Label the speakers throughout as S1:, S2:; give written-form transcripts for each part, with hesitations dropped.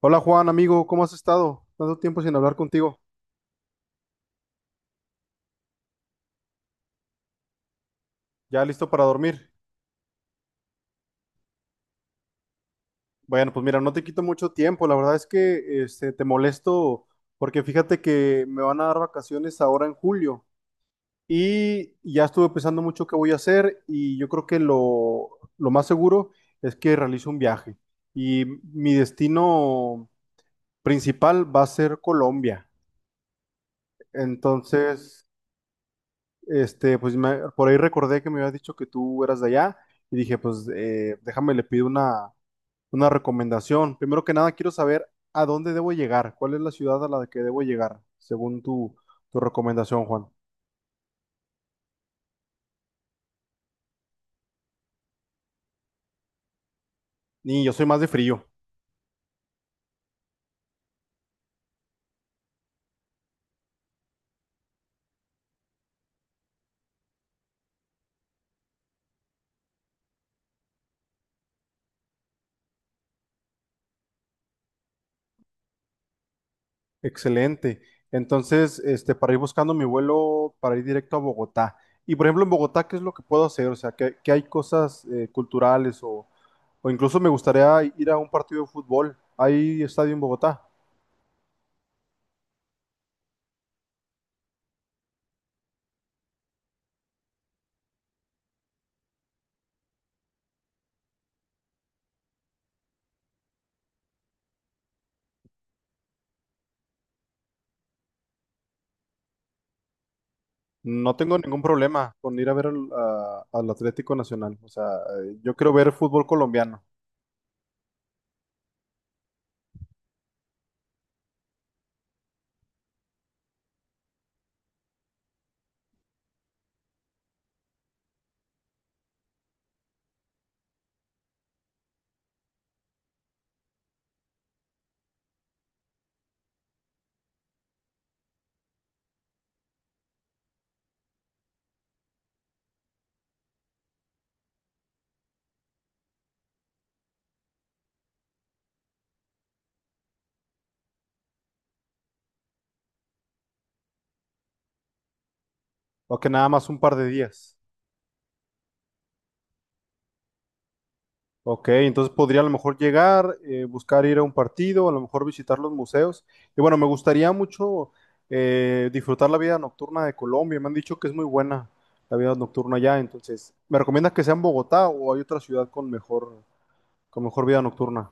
S1: Hola Juan, amigo, ¿cómo has estado? Tanto tiempo sin hablar contigo. ¿Ya listo para dormir? Bueno, pues mira, no te quito mucho tiempo. La verdad es que te molesto porque fíjate que me van a dar vacaciones ahora en julio y ya estuve pensando mucho qué voy a hacer y yo creo que lo más seguro es que realice un viaje y mi destino principal va a ser Colombia. Entonces, pues por ahí recordé que me habías dicho que tú eras de allá y dije, pues déjame, le pido una recomendación. Primero que nada, quiero saber a dónde debo llegar, cuál es la ciudad a la que debo llegar, según tu recomendación, Juan. Y yo soy más de frío. Excelente. Entonces, para ir buscando mi vuelo, para ir directo a Bogotá. Y por ejemplo, en Bogotá, ¿qué es lo que puedo hacer? O sea, qué hay cosas culturales o incluso me gustaría ir a un partido de fútbol? ¿Hay estadio en Bogotá? No tengo ningún problema con ir a ver al Atlético Nacional. O sea, yo quiero ver fútbol colombiano, o que nada más un par de días. Ok, entonces podría a lo mejor llegar, buscar ir a un partido, a lo mejor visitar los museos. Y bueno, me gustaría mucho disfrutar la vida nocturna de Colombia. Me han dicho que es muy buena la vida nocturna allá. Entonces, ¿me recomiendas que sea en Bogotá o hay otra ciudad con con mejor vida nocturna?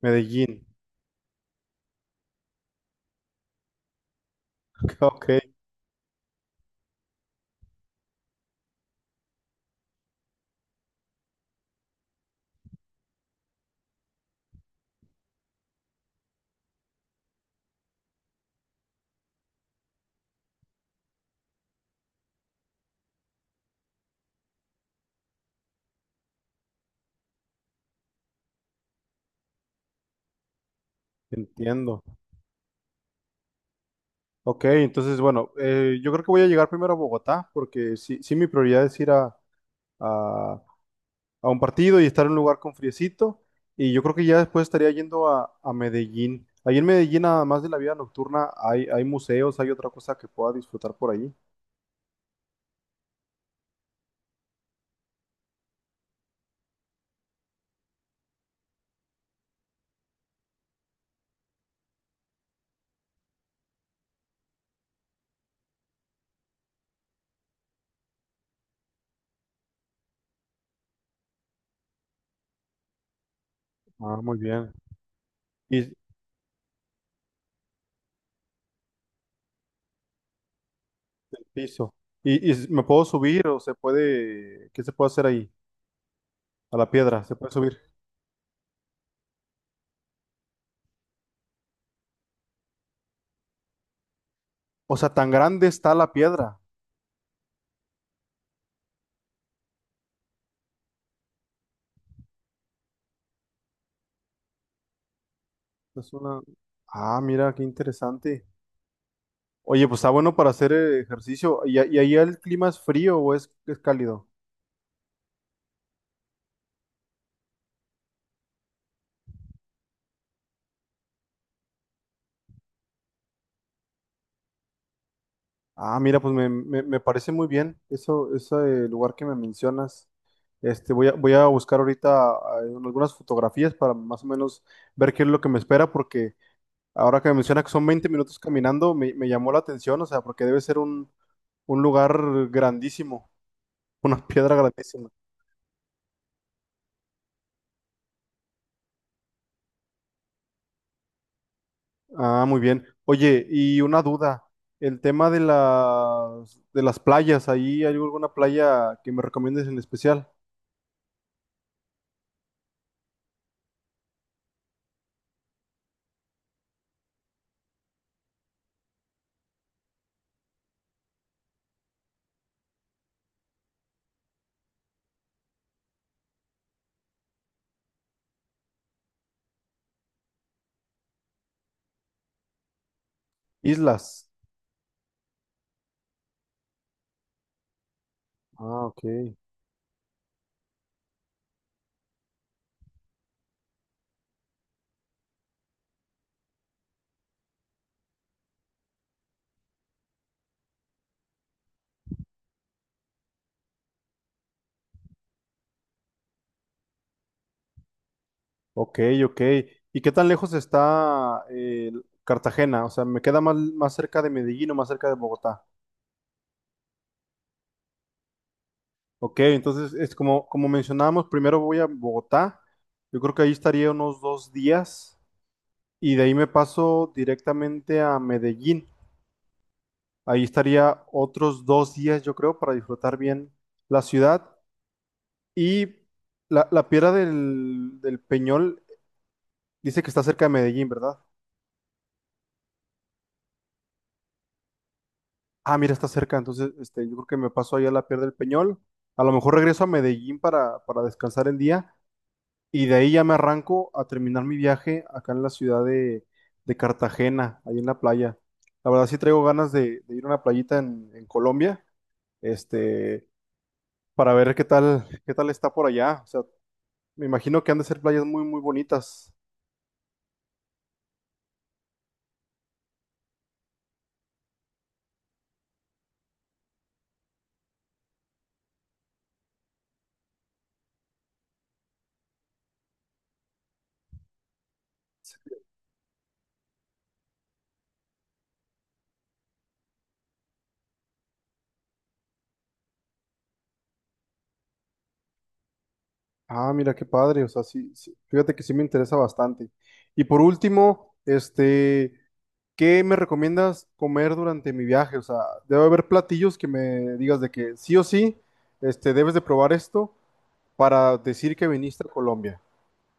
S1: Medellín. Ok, entiendo. Ok, entonces, bueno, yo creo que voy a llegar primero a Bogotá, porque sí, sí mi prioridad es ir a- a un partido y estar en un lugar con friecito, y yo creo que ya después estaría yendo a Medellín. Ahí en Medellín, además de la vida nocturna, hay museos, hay otra cosa que pueda disfrutar por ahí. Ah, muy bien. Y piso. Y me puedo subir o se puede, qué se puede hacer ahí? A la piedra, se puede subir. O sea, tan grande está la piedra. Es una... Ah, mira, qué interesante. Oye, pues está bueno para hacer ejercicio. ¿Y, y ahí el clima es frío o es cálido? Ah, mira, pues me parece muy bien eso, ese lugar que me mencionas. Este, voy voy a buscar ahorita ah, algunas fotografías para más o menos ver qué es lo que me espera, porque ahora que me menciona que son 20 minutos caminando, me llamó la atención, o sea, porque debe ser un lugar grandísimo, una piedra grandísima. Ah, muy bien. Oye, y una duda, el tema de las playas, ¿ahí hay alguna playa que me recomiendes en especial? Islas. Ah, ok. Ok, ok. ¿Y qué tan lejos está Cartagena? O sea, ¿me queda más cerca de Medellín o más cerca de Bogotá? Ok, entonces es como, como mencionábamos, primero voy a Bogotá. Yo creo que ahí estaría unos 2 días y de ahí me paso directamente a Medellín. Ahí estaría otros 2 días, yo creo, para disfrutar bien la ciudad. Y la piedra del Peñol dice que está cerca de Medellín, ¿verdad? Ah, mira, está cerca. Entonces, este, yo creo que me paso ahí a la piedra del Peñol. A lo mejor regreso a Medellín para descansar el día. Y de ahí ya me arranco a terminar mi viaje acá en la ciudad de Cartagena, ahí en la playa. La verdad sí traigo ganas de ir a una playita en Colombia, este, para ver qué tal está por allá. O sea, me imagino que han de ser playas muy, muy bonitas. Ah, mira qué padre. O sea, sí, sí, fíjate que sí me interesa bastante. Y por último, este, ¿qué me recomiendas comer durante mi viaje? O sea, debe haber platillos que me digas de que sí o sí, este, debes de probar esto para decir que viniste a Colombia.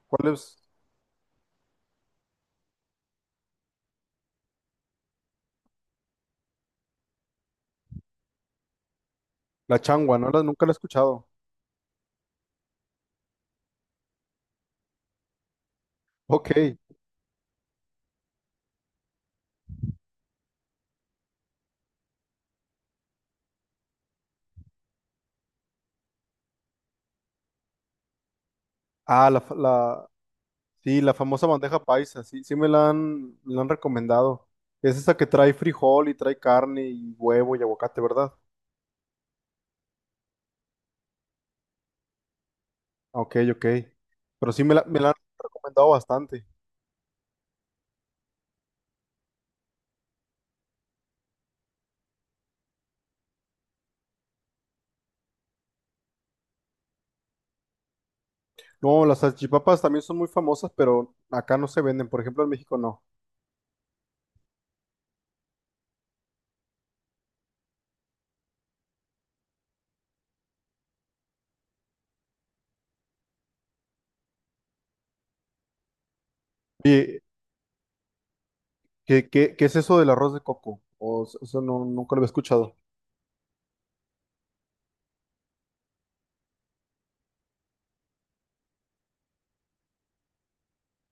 S1: ¿Cuál es la changua? No la, nunca la he escuchado. Ok. Ah, la, fa- la, Sí, la famosa bandeja paisa, sí, sí me la han recomendado. Es esa que trae frijol y trae carne y huevo y aguacate, ¿verdad? Ah, ok, ok. Pero sí me me la han recomendado bastante. No, las salchipapas también son muy famosas, pero acá no se venden. Por ejemplo, en México no. Oye, qué es eso del arroz de coco? Eso no, nunca lo había escuchado,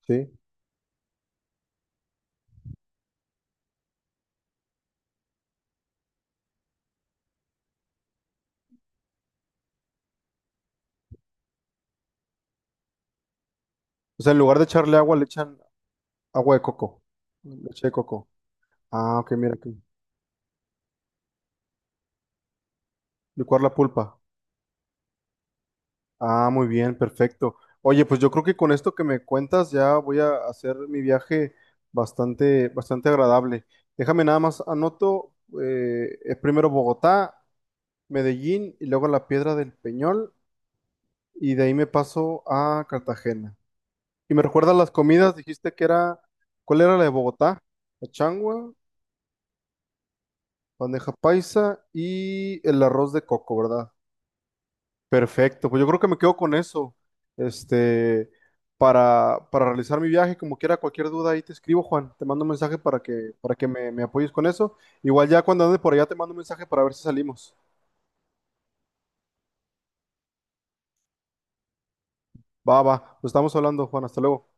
S1: ¿sí? O sea, en lugar de echarle agua, le echan agua de coco, leche de coco. Ah, ok, mira aquí. Licuar la pulpa. Ah, muy bien, perfecto. Oye, pues yo creo que con esto que me cuentas ya voy a hacer mi viaje bastante agradable. Déjame nada más anoto primero Bogotá, Medellín y luego la Piedra del Peñol y de ahí me paso a Cartagena. Y me recuerdas las comidas, dijiste que era, ¿cuál era la de Bogotá? La changua, bandeja paisa y el arroz de coco, ¿verdad? Perfecto, pues yo creo que me quedo con eso. Este, para realizar mi viaje, como quiera, cualquier duda ahí te escribo, Juan. Te mando un mensaje para para que me apoyes con eso. Igual ya cuando ande por allá te mando un mensaje para ver si salimos. Va, va, nos estamos hablando, Juan. Hasta luego.